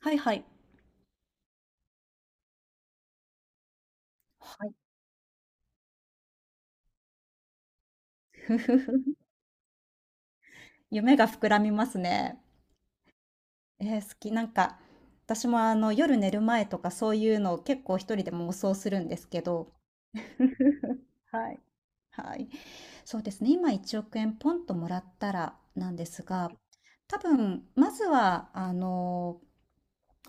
はいはい。はい。夢が膨らみますね。好き。なんか、私も、夜寝る前とかそういうのを結構一人で妄想するんですけど。はい。はい。そうですね、今1億円ポンともらったらなんですが、多分まずは、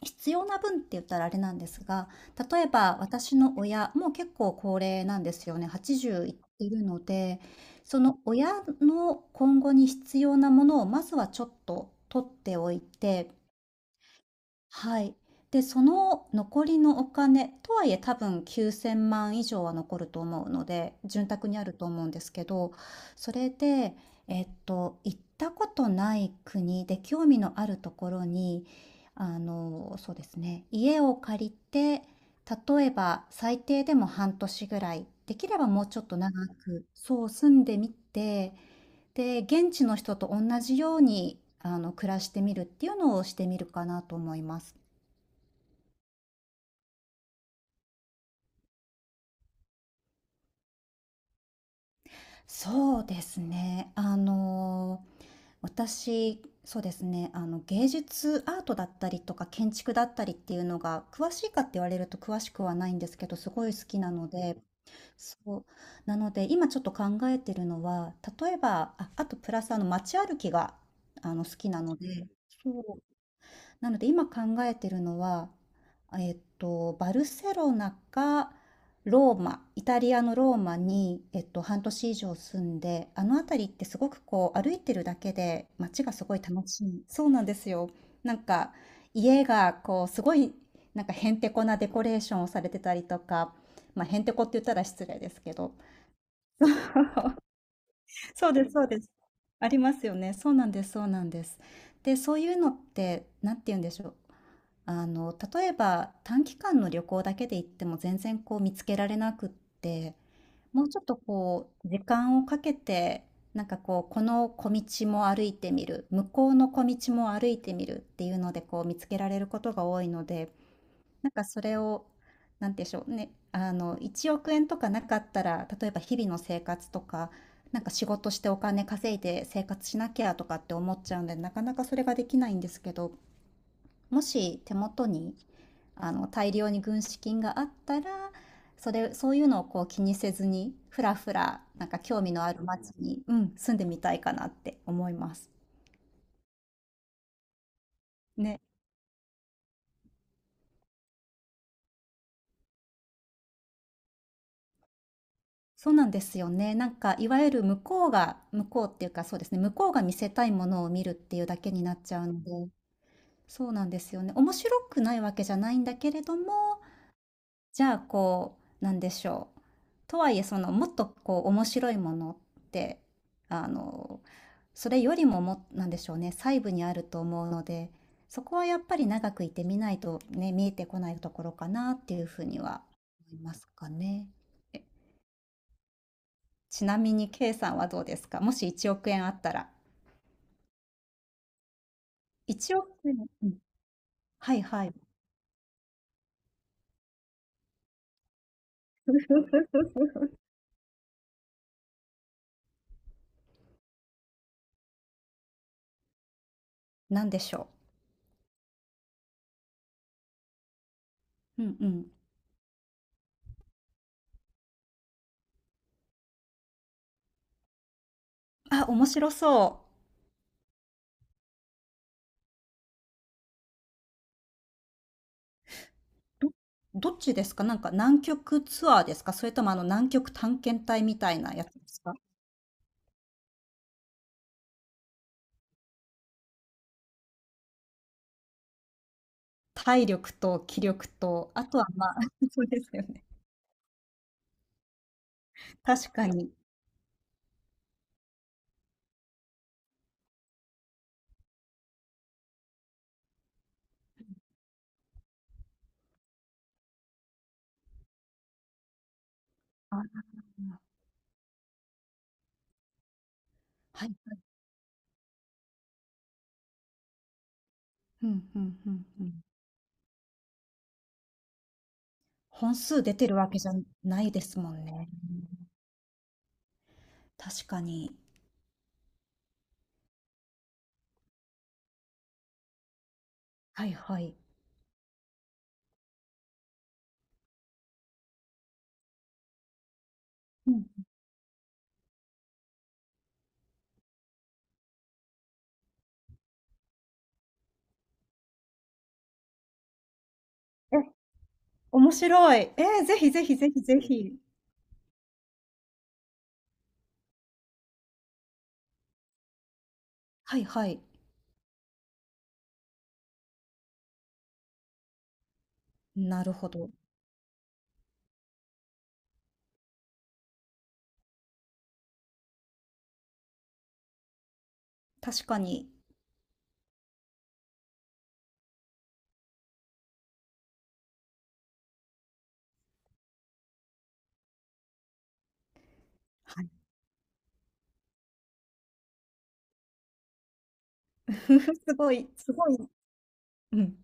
必要な分って言ったらあれなんですが、例えば私の親もう結構高齢なんですよね。80いってるので、その親の今後に必要なものをまずはちょっと取っておいて、はい。で、その残りのお金、とはいえ多分9,000万以上は残ると思うので、潤沢にあると思うんですけど、それで、行ったことない国で興味のあるところに、そうですね、家を借りて、例えば最低でも半年ぐらい、できればもうちょっと長く、そう住んでみて、で、現地の人と同じように、暮らしてみるっていうのをしてみるかなと思います。そうですね。私、そうですね、芸術アートだったりとか建築だったりっていうのが、詳しいかって言われると詳しくはないんですけど、すごい好きなので、そう。なので、今ちょっと考えてるのは、例えば、あ、あとプラス街歩きが、好きなので、そう。なので今考えてるのは、バルセロナかローマ、イタリアのローマに、半年以上住んで、あの辺りってすごくこう歩いてるだけで街がすごい楽しい。そうなんですよ。なんか家がこうすごいなんかへんてこなデコレーションをされてたりとか、まあへんてこって言ったら失礼ですけど、そうです、そうです。ありますよね。そうなんです、そうなんです。で、そういうのって、なんて言うんでしょう。例えば短期間の旅行だけで行っても全然こう見つけられなくって、もうちょっとこう、時間をかけて、なんかこう、この小道も歩いてみる、向こうの小道も歩いてみるっていうので、こう見つけられることが多いので、なんかそれを、なんて言うんでしょうね、1億円とかなかったら、例えば日々の生活とか、なんか仕事してお金稼いで生活しなきゃとかって思っちゃうんで、なかなかそれができないんですけど、もし手元に、大量に軍資金があったら、そういうのをこう気にせずに、ふらふら、なんか興味のある街に、うん、住んでみたいかなって思います。ね。そうなんですよね。なんかいわゆる向こうっていうか、そうですね、向こうが見せたいものを見るっていうだけになっちゃうので、そうなんですよね。面白くないわけじゃないんだけれども、じゃあこう、なんでしょう。とはいえ、そのもっとこう面白いものって、あの、それよりも、なんでしょうね、細部にあると思うので、そこはやっぱり長くいてみないとね、見えてこないところかなっていうふうには思いますかね。ちなみに K さんはどうですか？もし1億円あったら。1億円、うん、はいはい。なんでしょう。うんうん。あ、面白そう。どっちですか？なんか南極ツアーですか？それともあの南極探検隊みたいなやつですか？体力と気力と、あとはまあ、そうですよね。確かに。あ、はい。うんうんうんうん。本数出てるわけじゃないですもんね。確かに。はいはい。うん。面白い。ええ、ぜひぜひぜひぜひ。はいはい。なるほど。確かに。はい。すごいすごい、うん。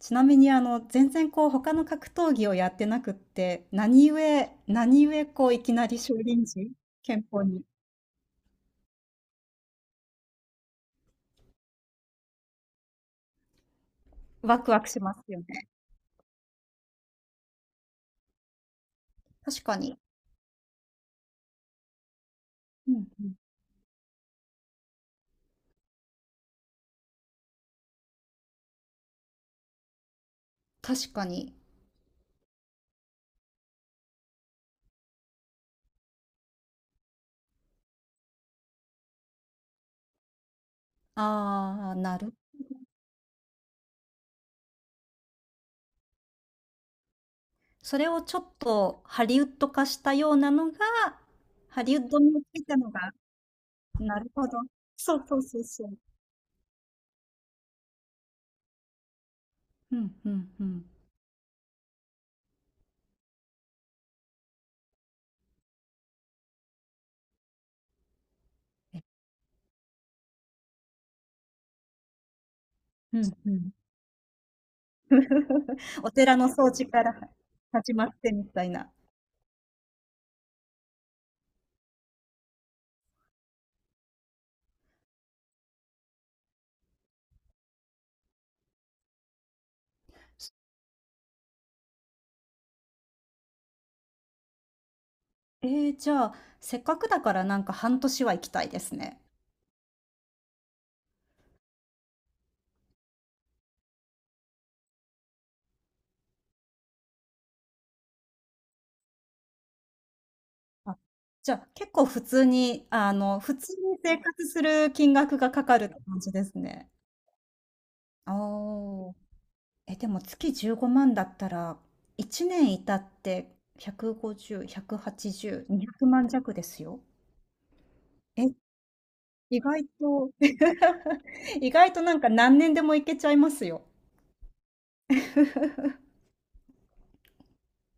ちなみに、全然こう他の格闘技をやってなくって、何故こういきなり少林寺拳法に？ワクワクしますよね。確かに。うんうん。確かに。ああ、それをちょっとハリウッド化したようなのが、ハリウッドについたのが、なるほど。そうそうそうそう。うんうんうん。え、うんうん。お寺の掃除から始まってみたいな。じゃあ、せっかくだからなんか半年は行きたいですね。あ、じゃあ、結構普通に、普通に生活する金額がかかるって感じですね。ああ。え、でも月15万だったら、1年いたって150、180、200万弱ですよ。え意外と 意外となんか何年でも行けちゃいますよ。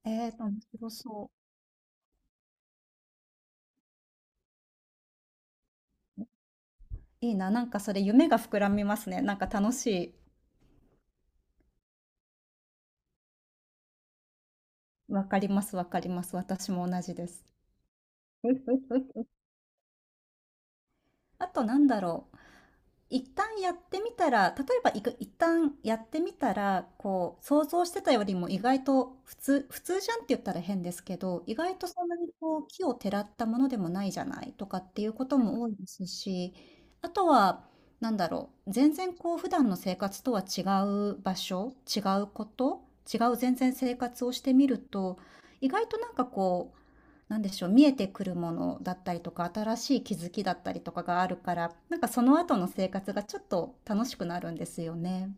面白そう。いいな、なんかそれ夢が膨らみますね。なんか楽しい。わかります、わかります。私も同じです。あとなんだろう。一旦やってみたら、例えばいく一旦やってみたら、こう、想像してたよりも意外と普通、普通じゃんって言ったら変ですけど、意外とそんなにこう、奇をてらったものでもないじゃないとかっていうことも多いですし、あとは、なんだろう、全然こう、普段の生活とは違う場所、違うこと、違う全然生活をしてみると、意外となんかこう、なんでしょう、見えてくるものだったりとか、新しい気づきだったりとかがあるから、なんかその後の生活がちょっと楽しくなるんですよね。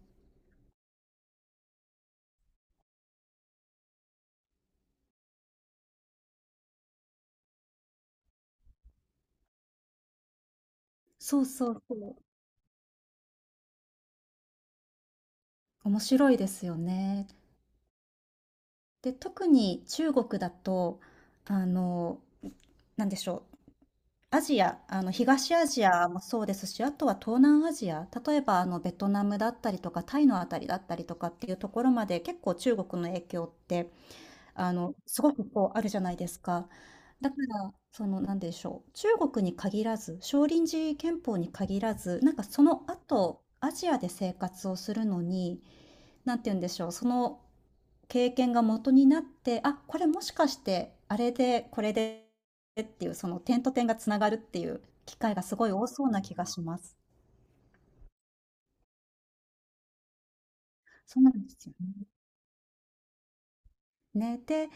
そうそうそう。面白いですよね。で、特に中国だと、あの、なんでしょう、アジア、東アジアもそうですし、あとは東南アジア、例えばベトナムだったりとか、タイのあたりだったりとかっていうところまで、結構中国の影響って、すごくこうあるじゃないですか。だから、なんでしょう、中国に限らず、少林寺拳法に限らず、なんかその後、アジアで生活をするのに、なんて言うんでしょう、その経験が元になって、あ、これもしかして、あれで、これでっていう、その点と点がつながるっていう機会がすごい多そうな気がします。そうなんですよね。ね、で、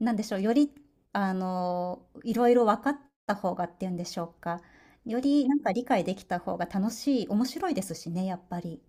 なんでしょう、より、いろいろ分かった方がっていうんでしょうか。よりなんか理解できた方が楽しい面白いですしね、やっぱり。